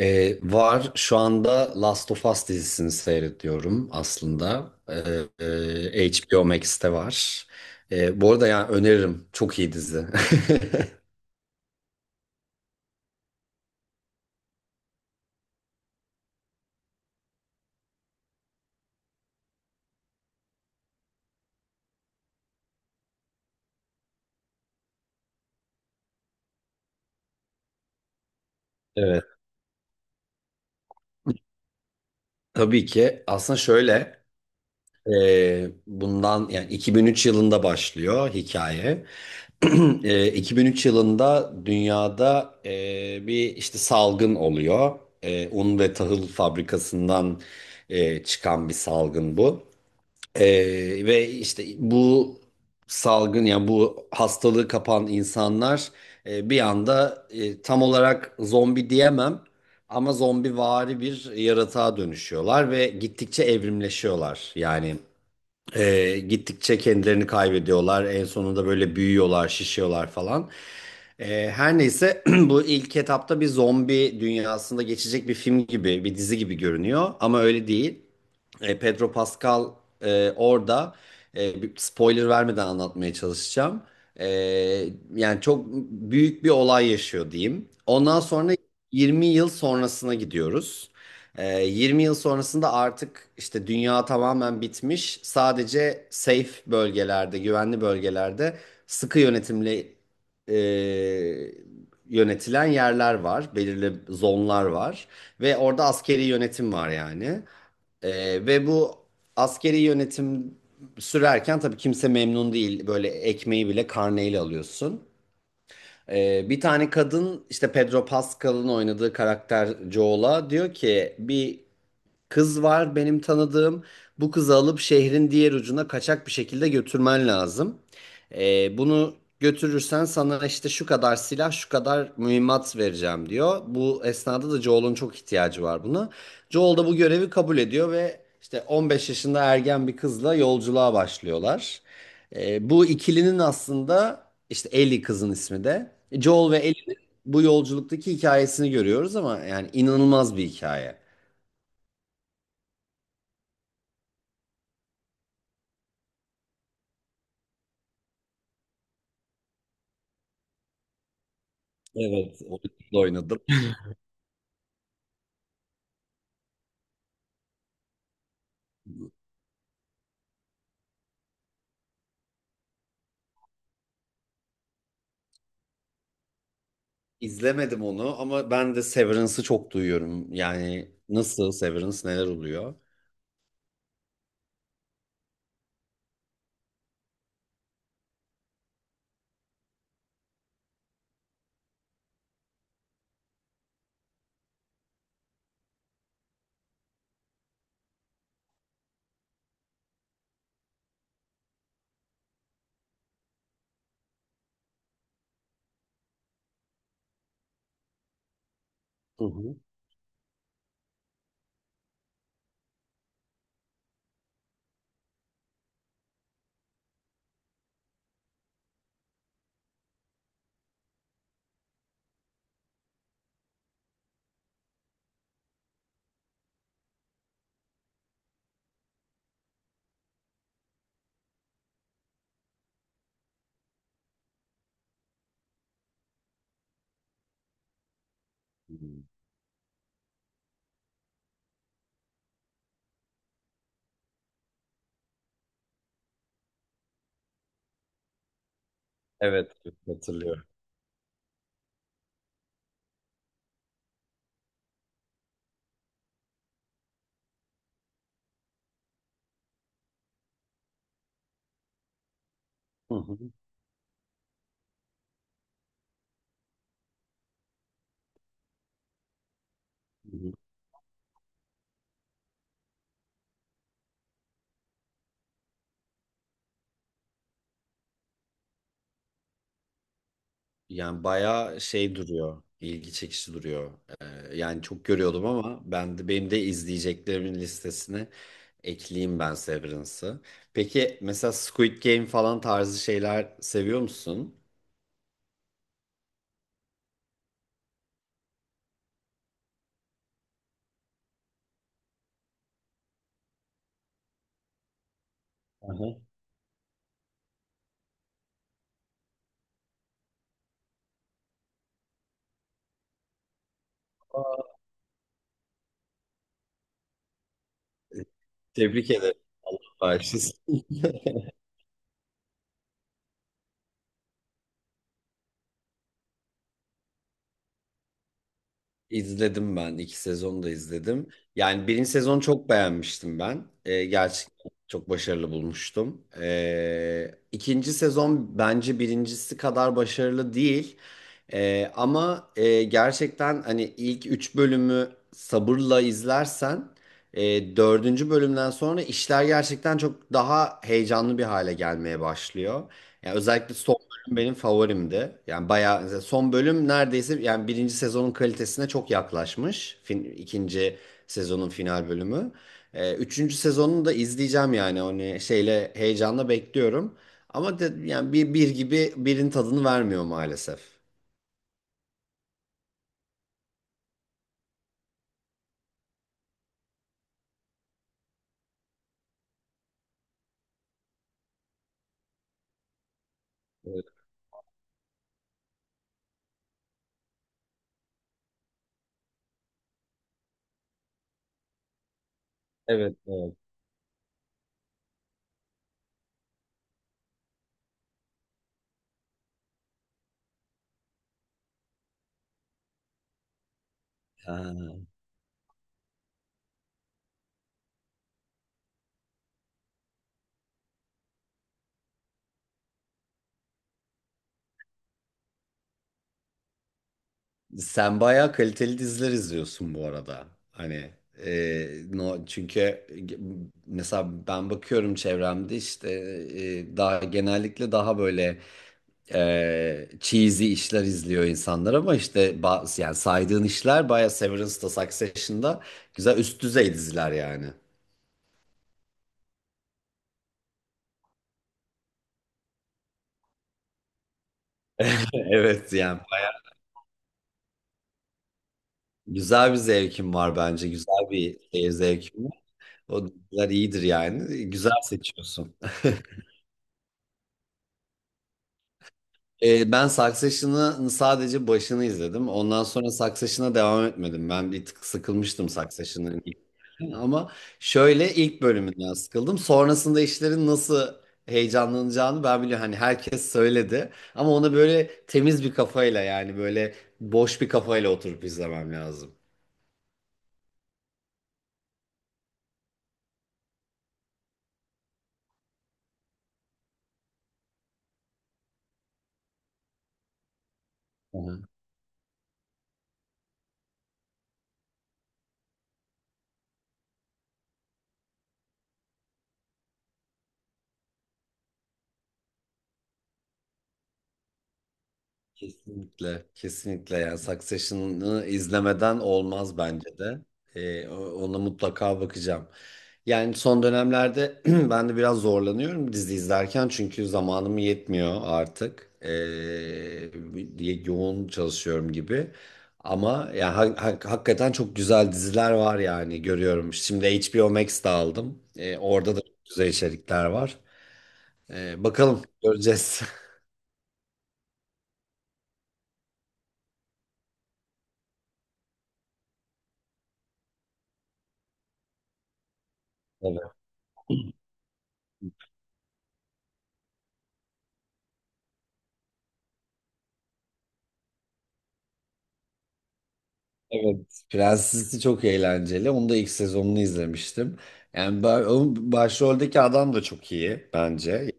Var. Şu anda Last of Us dizisini seyrediyorum aslında. Ee, HBO Max'te var. Bu arada yani öneririm. Çok iyi dizi. Evet. Tabii ki. Aslında şöyle bundan yani 2003 yılında başlıyor hikaye. 2003 yılında dünyada bir işte salgın oluyor. E, un ve tahıl fabrikasından çıkan bir salgın bu. Ee, Ve işte bu salgın yani bu hastalığı kapan insanlar bir anda tam olarak zombi diyemem ama zombivari bir yaratığa dönüşüyorlar ve gittikçe evrimleşiyorlar. Yani gittikçe kendilerini kaybediyorlar. En sonunda böyle büyüyorlar, şişiyorlar falan. Her neyse, bu ilk etapta bir zombi dünyasında geçecek bir film gibi, bir dizi gibi görünüyor. Ama öyle değil. E, Pedro Pascal orada bir spoiler vermeden anlatmaya çalışacağım. E, yani çok büyük bir olay yaşıyor diyeyim. Ondan sonra 20 yıl sonrasına gidiyoruz. 20 yıl sonrasında artık işte dünya tamamen bitmiş. Sadece safe bölgelerde, güvenli bölgelerde sıkı yönetimle e, yönetilen yerler var. Belirli zonlar var. Ve orada askeri yönetim var yani. Ve bu askeri yönetim sürerken tabii kimse memnun değil. Böyle ekmeği bile karneyle alıyorsun. Bir tane kadın işte Pedro Pascal'ın oynadığı karakter Joel'a diyor ki, bir kız var benim tanıdığım. Bu kızı alıp şehrin diğer ucuna kaçak bir şekilde götürmen lazım. Bunu götürürsen sana işte şu kadar silah, şu kadar mühimmat vereceğim diyor. Bu esnada da Joel'un çok ihtiyacı var buna. Joel da bu görevi kabul ediyor ve işte 15 yaşında ergen bir kızla yolculuğa başlıyorlar. Bu ikilinin aslında işte Ellie kızın ismi de. Joel ve Ellie'nin bu yolculuktaki hikayesini görüyoruz, ama yani inanılmaz bir hikaye. Evet, onu oynadım. İzlemedim onu ama ben de Severance'ı çok duyuyorum. Yani nasıl Severance, neler oluyor? Hı hı. Evet, hatırlıyorum. Hı hı. Hı hı. Yani bayağı şey duruyor, ilgi çekici duruyor. Yani çok görüyordum ama ben de benim de izleyeceklerimin listesine ekleyeyim ben Severance'ı. Peki mesela Squid Game falan tarzı şeyler seviyor musun? Hı hı. Tebrik ederim. Allah bağışlasın. İzledim ben. İki sezonu da izledim. Yani birinci sezonu çok beğenmiştim ben. Gerçekten çok başarılı bulmuştum. İkinci sezon bence birincisi kadar başarılı değil. Gerçekten hani ilk üç bölümü sabırla izlersen dördüncü bölümden sonra işler gerçekten çok daha heyecanlı bir hale gelmeye başlıyor. Yani özellikle son benim favorimdi. Yani bayağı mesela son bölüm neredeyse yani birinci sezonun kalitesine çok yaklaşmış. Fin, ikinci sezonun final bölümü. Üçüncü sezonunu da izleyeceğim yani hani şeyle heyecanla bekliyorum. Ama de, yani bir gibi birin tadını vermiyor maalesef. Evet, evet. Evet. Ha. Sen bayağı kaliteli diziler izliyorsun bu arada. Hani e, no, çünkü mesela ben bakıyorum çevremde işte daha genellikle daha böyle cheesy işler izliyor insanlar ama işte ba- yani saydığın işler bayağı Severance'da, Succession'da güzel üst düzey diziler yani. Evet yani güzel bir zevkim var bence. Güzel bir seyir zevkim var. O diziler iyidir yani. Güzel seçiyorsun. Ben Succession'ın sadece başını izledim. Ondan sonra Succession'a devam etmedim. Ben bir tık sıkılmıştım Succession'ın ilk. Ama şöyle ilk bölümünden sıkıldım. Sonrasında işlerin nasıl heyecanlanacağını ben biliyorum. Hani herkes söyledi. Ama ona böyle temiz bir kafayla yani böyle boş bir kafayla oturup izlemem lazım. Hı. Kesinlikle, kesinlikle, yani Succession'ı izlemeden olmaz bence de. Ona mutlaka bakacağım. Yani son dönemlerde ben de biraz zorlanıyorum dizi izlerken çünkü zamanım yetmiyor artık. Diye yoğun çalışıyorum gibi. Ama ya hakikaten çok güzel diziler var yani görüyorum. Şimdi HBO Max'te aldım. Orada da çok güzel içerikler var. Bakalım göreceğiz. Evet. Prenses'i çok eğlenceli. Onu da ilk sezonunu izlemiştim. Yani ba- onun başroldeki adam da çok iyi bence.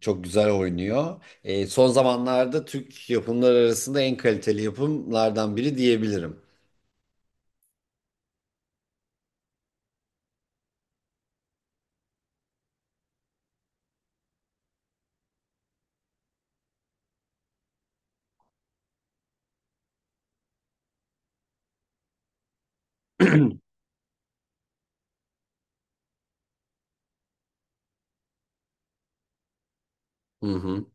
Çok güzel oynuyor. E, son zamanlarda Türk yapımlar arasında en kaliteli yapımlardan biri diyebilirim. Hı hı.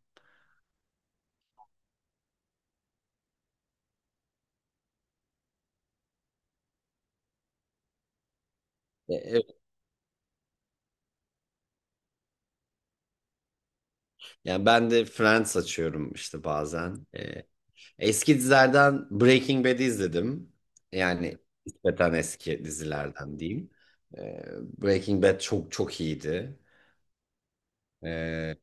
E, evet. Yani ben de Friends açıyorum işte bazen. E, eski dizilerden Breaking Bad'i izledim. Yani nispeten eski dizilerden diyeyim. E, Breaking Bad çok çok iyiydi. E,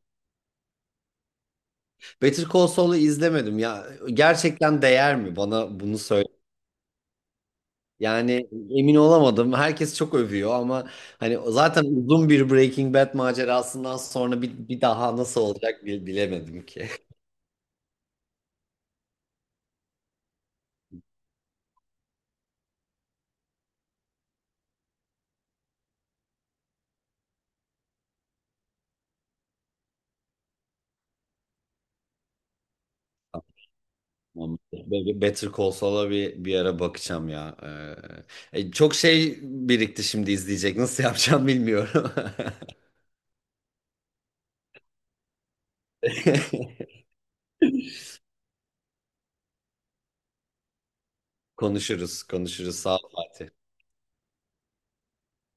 Better Call Saul'u izlemedim ya. Gerçekten değer mi, bana bunu söyle. Yani emin olamadım. Herkes çok övüyor ama hani zaten uzun bir Breaking Bad macerasından sonra bir daha nasıl olacak bilemedim ki. Tamam. Better Call Saul'a bir ara bakacağım ya. Çok şey birikti şimdi izleyecek. Nasıl yapacağım bilmiyorum. Konuşuruz, konuşuruz. Sağ ol Fatih.